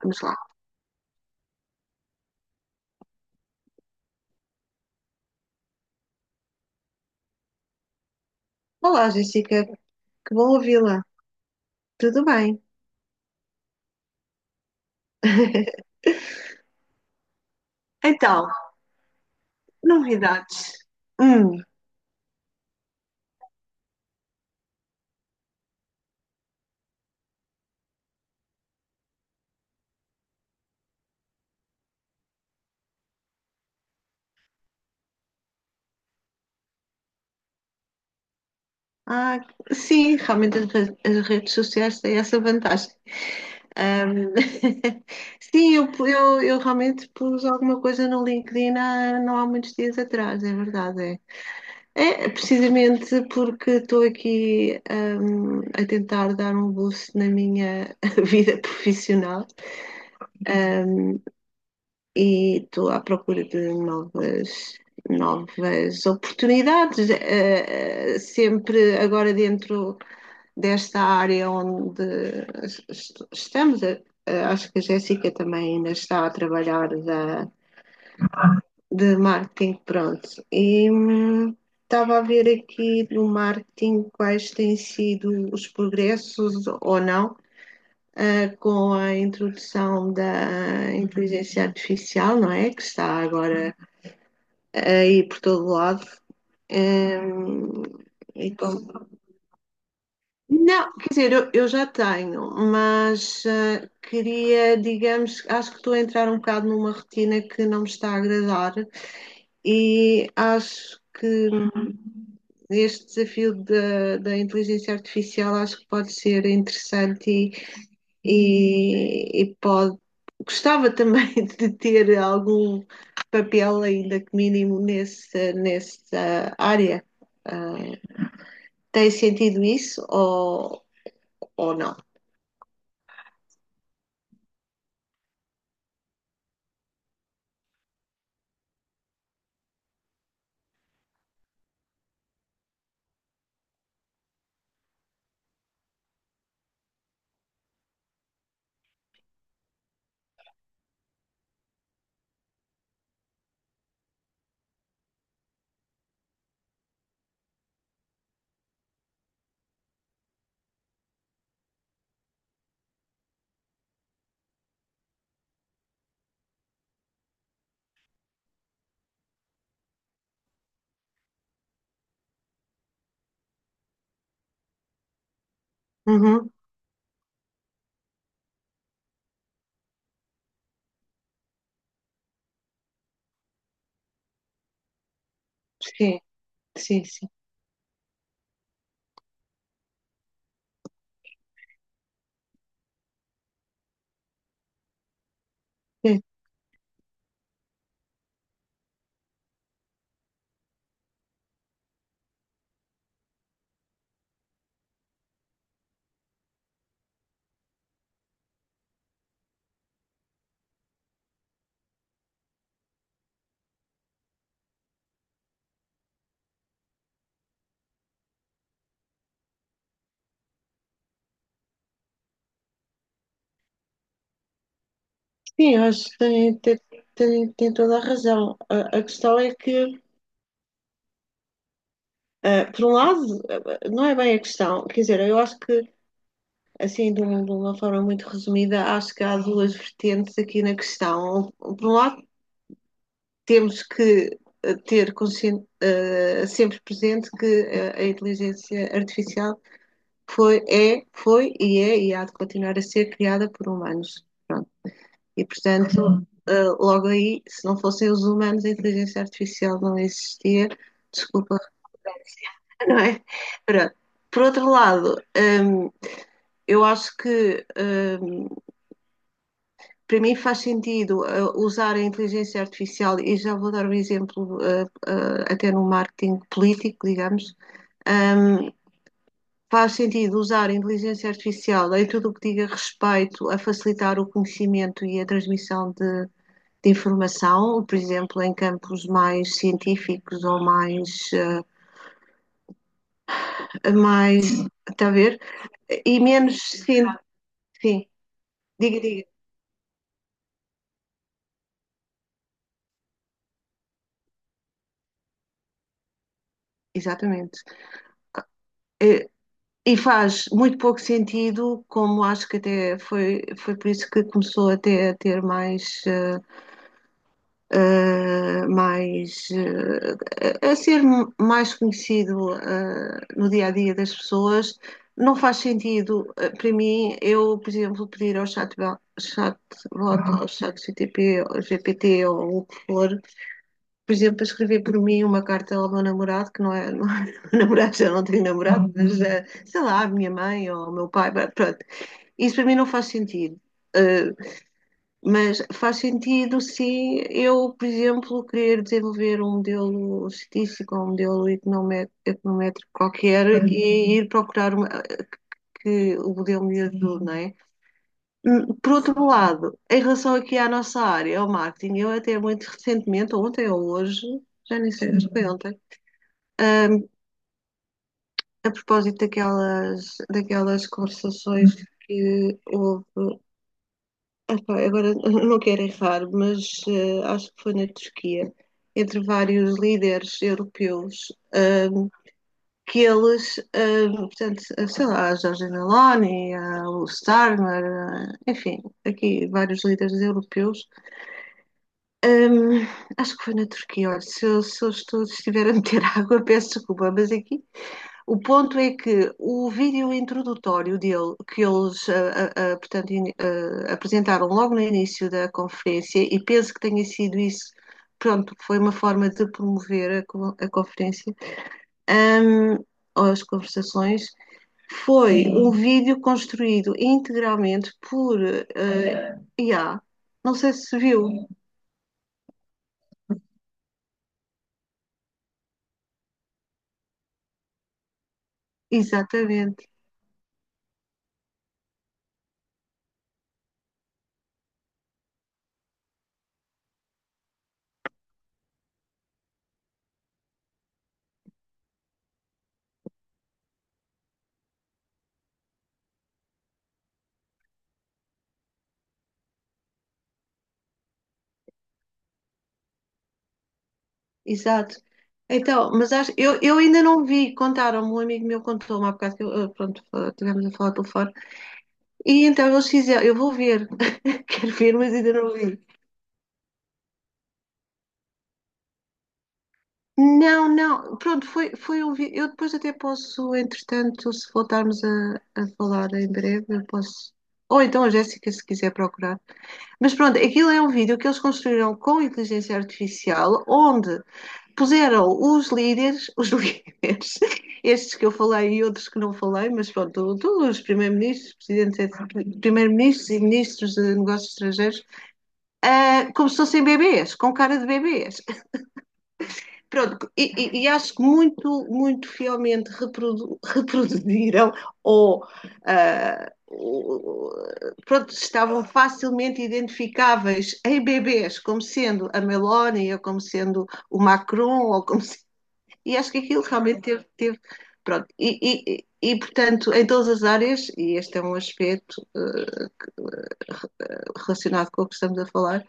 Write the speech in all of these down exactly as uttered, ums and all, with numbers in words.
Vamos lá. Olá, Jéssica, que bom ouvi-la. Tudo bem? Então, novidades. Hum, ah, sim, realmente as, re- as redes sociais têm essa vantagem. Ahm, sim, eu, pu- eu, eu realmente pus alguma coisa no LinkedIn há, não há muitos dias atrás, é verdade. É, é precisamente porque estou aqui, ahm, a tentar dar um boost na minha vida profissional. E estou à procura de novas, novas oportunidades, eh, eh, sempre agora dentro desta área onde est- estamos. Eh, eh, Acho que a Jéssica também ainda está a trabalhar da, de marketing, pronto. E hum, estava a ver aqui no marketing quais têm sido os progressos ou não. Uh, com a introdução da inteligência artificial, não é? Que está agora aí por todo lado. Hum, então, não, quer dizer, eu, eu já tenho, mas ah, queria, digamos, acho que estou a entrar um bocado numa rotina que não me está a agradar e acho que este desafio da, da inteligência artificial acho que pode ser interessante e e, e pode, gostava também de ter algum papel, ainda que mínimo, nesse, nessa área. Ah, Tem sentido isso ou, ou não? Uhum, sim, sim, sim. Sim, sim, eu acho que tem, tem, tem- tem toda a razão. A, a questão é que, ah, por um lado, ah, não é bem a questão. Quer dizer, eu acho que, assim, de, um- de uma forma muito resumida, acho que há duas vertentes aqui na questão. Por um lado, temos que eh, ter consciente, uh, sempre presente que a, a inteligência artificial foi, é, foi e é e há de continuar a ser criada por humanos. Pronto. E, portanto, uh, logo aí, se não fossem os humanos, a inteligência artificial não existia. Desculpa, não é? Pronto. Por outro lado, um, eu acho que um, para mim faz sentido uh, usar a inteligência artificial, e já vou dar um exemplo uh, uh, até no marketing político, digamos, um, faz sentido usar a inteligência artificial em tudo o que diga respeito a facilitar o conhecimento e a transmissão de, de informação, por exemplo, em campos mais científicos ou mais. Uh, mais, está a ver? E menos. Sim, sim. Diga, diga. Exatamente. Eh, E faz muito pouco sentido, como acho que até foi, foi por isso que começou até a ter mais, eh, eh, mais eh, a a ser mais conhecido, eh, no dia a dia das pessoas. Não faz sentido, eh, para mim, eu, por exemplo, pedir ao chat, chat, ao chat G P T, ao G P T ou o que for, por exemplo, a escrever por mim uma carta ao meu namorado, que não é, não é meu namorado, já não tenho namorado, mas eh, sei lá, a minha mãe ou o meu pai, pronto. Isso para mim não faz sentido. Eh, mas faz sentido se eu, por exemplo, querer desenvolver um modelo estatístico ou um modelo econome- econométrico qualquer. Uhum. E ir procurar uma- que o modelo me ajude, não é? Hum, Por outro lado, em relação aqui à nossa área, ao marketing, eu até muito recentemente, ontem ou hoje, já nem sei, acho que foi ontem. Ahm, a propósito daquelas, daquelas conversações que houve, epá, agora não quero errar, mas eh, acho que foi na Turquia, entre vários líderes europeus, ahm, que eles, ahm, portanto, sei lá, a Giorgia Meloni, a- o Starmer, a- enfim, aqui vários líderes europeus, ahm, acho que foi na Turquia, olha, se eu, se eu estou, se estiver a meter água, peço desculpa, mas aqui. O ponto é que o vídeo introdutório dele, que eles ah, ah, ah, portanto, in- ah, apresentaram logo no início da conferência, e penso que tenha sido isso, pronto, foi uma forma de promover a, a conferência, ahm, ou as conversações, foi Sim. um vídeo construído integralmente por ah, I A. Não sei se viu, sim. Exatamente. Exato. Então, mas acho, eu, eu ainda não vi, contaram-me, um amigo meu contou-me há bocado que eu, eh, pronto, estivemos a falar pelo fora. E então eles fizeram, eu vou ver, quero ver, mas ainda não vi. Não, não, pronto, foi, foi um vídeo. Eu depois até posso, entretanto, se voltarmos a, a falar em breve, eu posso. Ou então a Jéssica, se quiser procurar. Mas pronto, aquilo é um vídeo que eles construíram com inteligência artificial, onde puseram os líderes, os líderes, estes que eu falei e outros que não falei, mas pronto, todos os primeiros-ministros, presidentes, primeiros-ministros e ministros de negócios estrangeiros, uh, como se fossem bebês, com cara de bebês. Pronto, e, e, e acho que muito, muito fielmente reprodu, reproduziram ou. Uh, pronto, estavam facilmente identificáveis em bebês, como sendo a Meloni, ou como sendo o Macron, ou como, e acho que aquilo realmente teve, teve pronto. E, e, e, portanto, em todas as áreas, e este é um aspecto uh, relacionado com o que estamos a falar,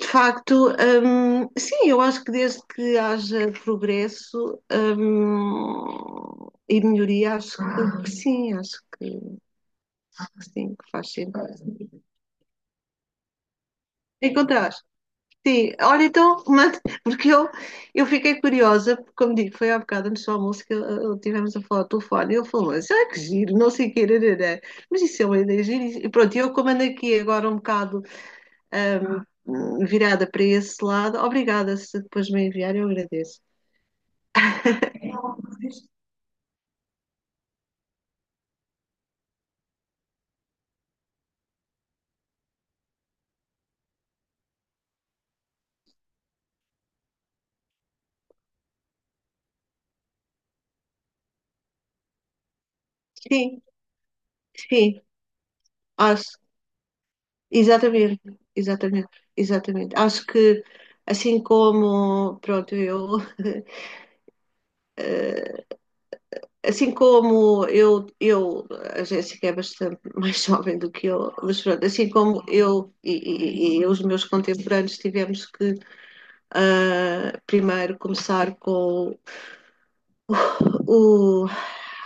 de facto, um, sim, eu acho que desde que haja progresso um, e melhoria, acho que, sim, acho que, que sim, que faz sentido. Encontrar. Sim, olha então, manda- porque eu, eu fiquei curiosa, porque como digo, foi há bocado antes do almoço que eh, eh, tivemos a falar ao telefone, e ele falou assim, ah, que giro, não sei o que, mas isso é uma ideia gira, e pronto, eu como ando aqui agora um bocado ahm, virada para esse lado, obrigada se depois me enviar, eu agradeço. Sim, sim, acho, exatamente, exatamente, exatamente, acho que assim como, pronto, eu... Assim como eu, eu, a Jéssica é bastante mais jovem do que eu, mas pronto, assim como eu e, e- e os meus contemporâneos tivemos que ah, primeiro começar com o,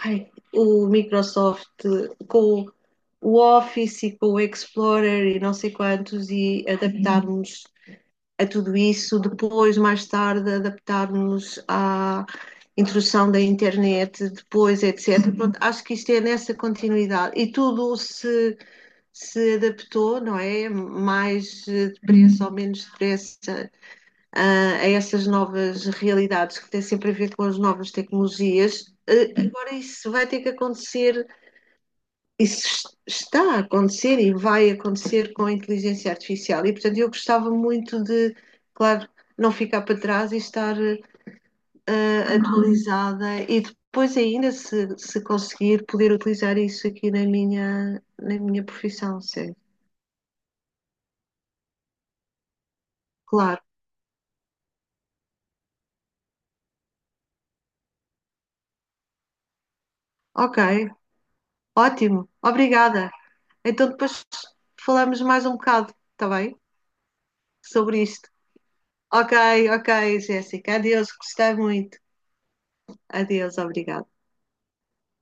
ai, o Microsoft, com o Office e com o Explorer e não sei quantos, e adaptarmos a tudo isso, depois, mais tarde, adaptarmos à introdução da internet, depois, etcétera. Pronto, acho que isto é nessa continuidade. E tudo se, se adaptou, não é? Mais depressa ou menos depressa a, a essas novas realidades que têm sempre a ver com as novas tecnologias. Agora, isso vai ter que acontecer, isso está a acontecer e vai acontecer com a inteligência artificial. E, portanto, eu gostava muito de, claro, não ficar para trás e estar uh, atualizada e depois ainda, se, se conseguir, poder utilizar isso aqui na minha, na minha profissão, sim. Claro. Ok, ótimo. Obrigada. Então depois falamos mais um bocado, está bem? Sobre isto. Ok, ok, Jéssica. Adeus, gostei muito. Adeus, obrigada.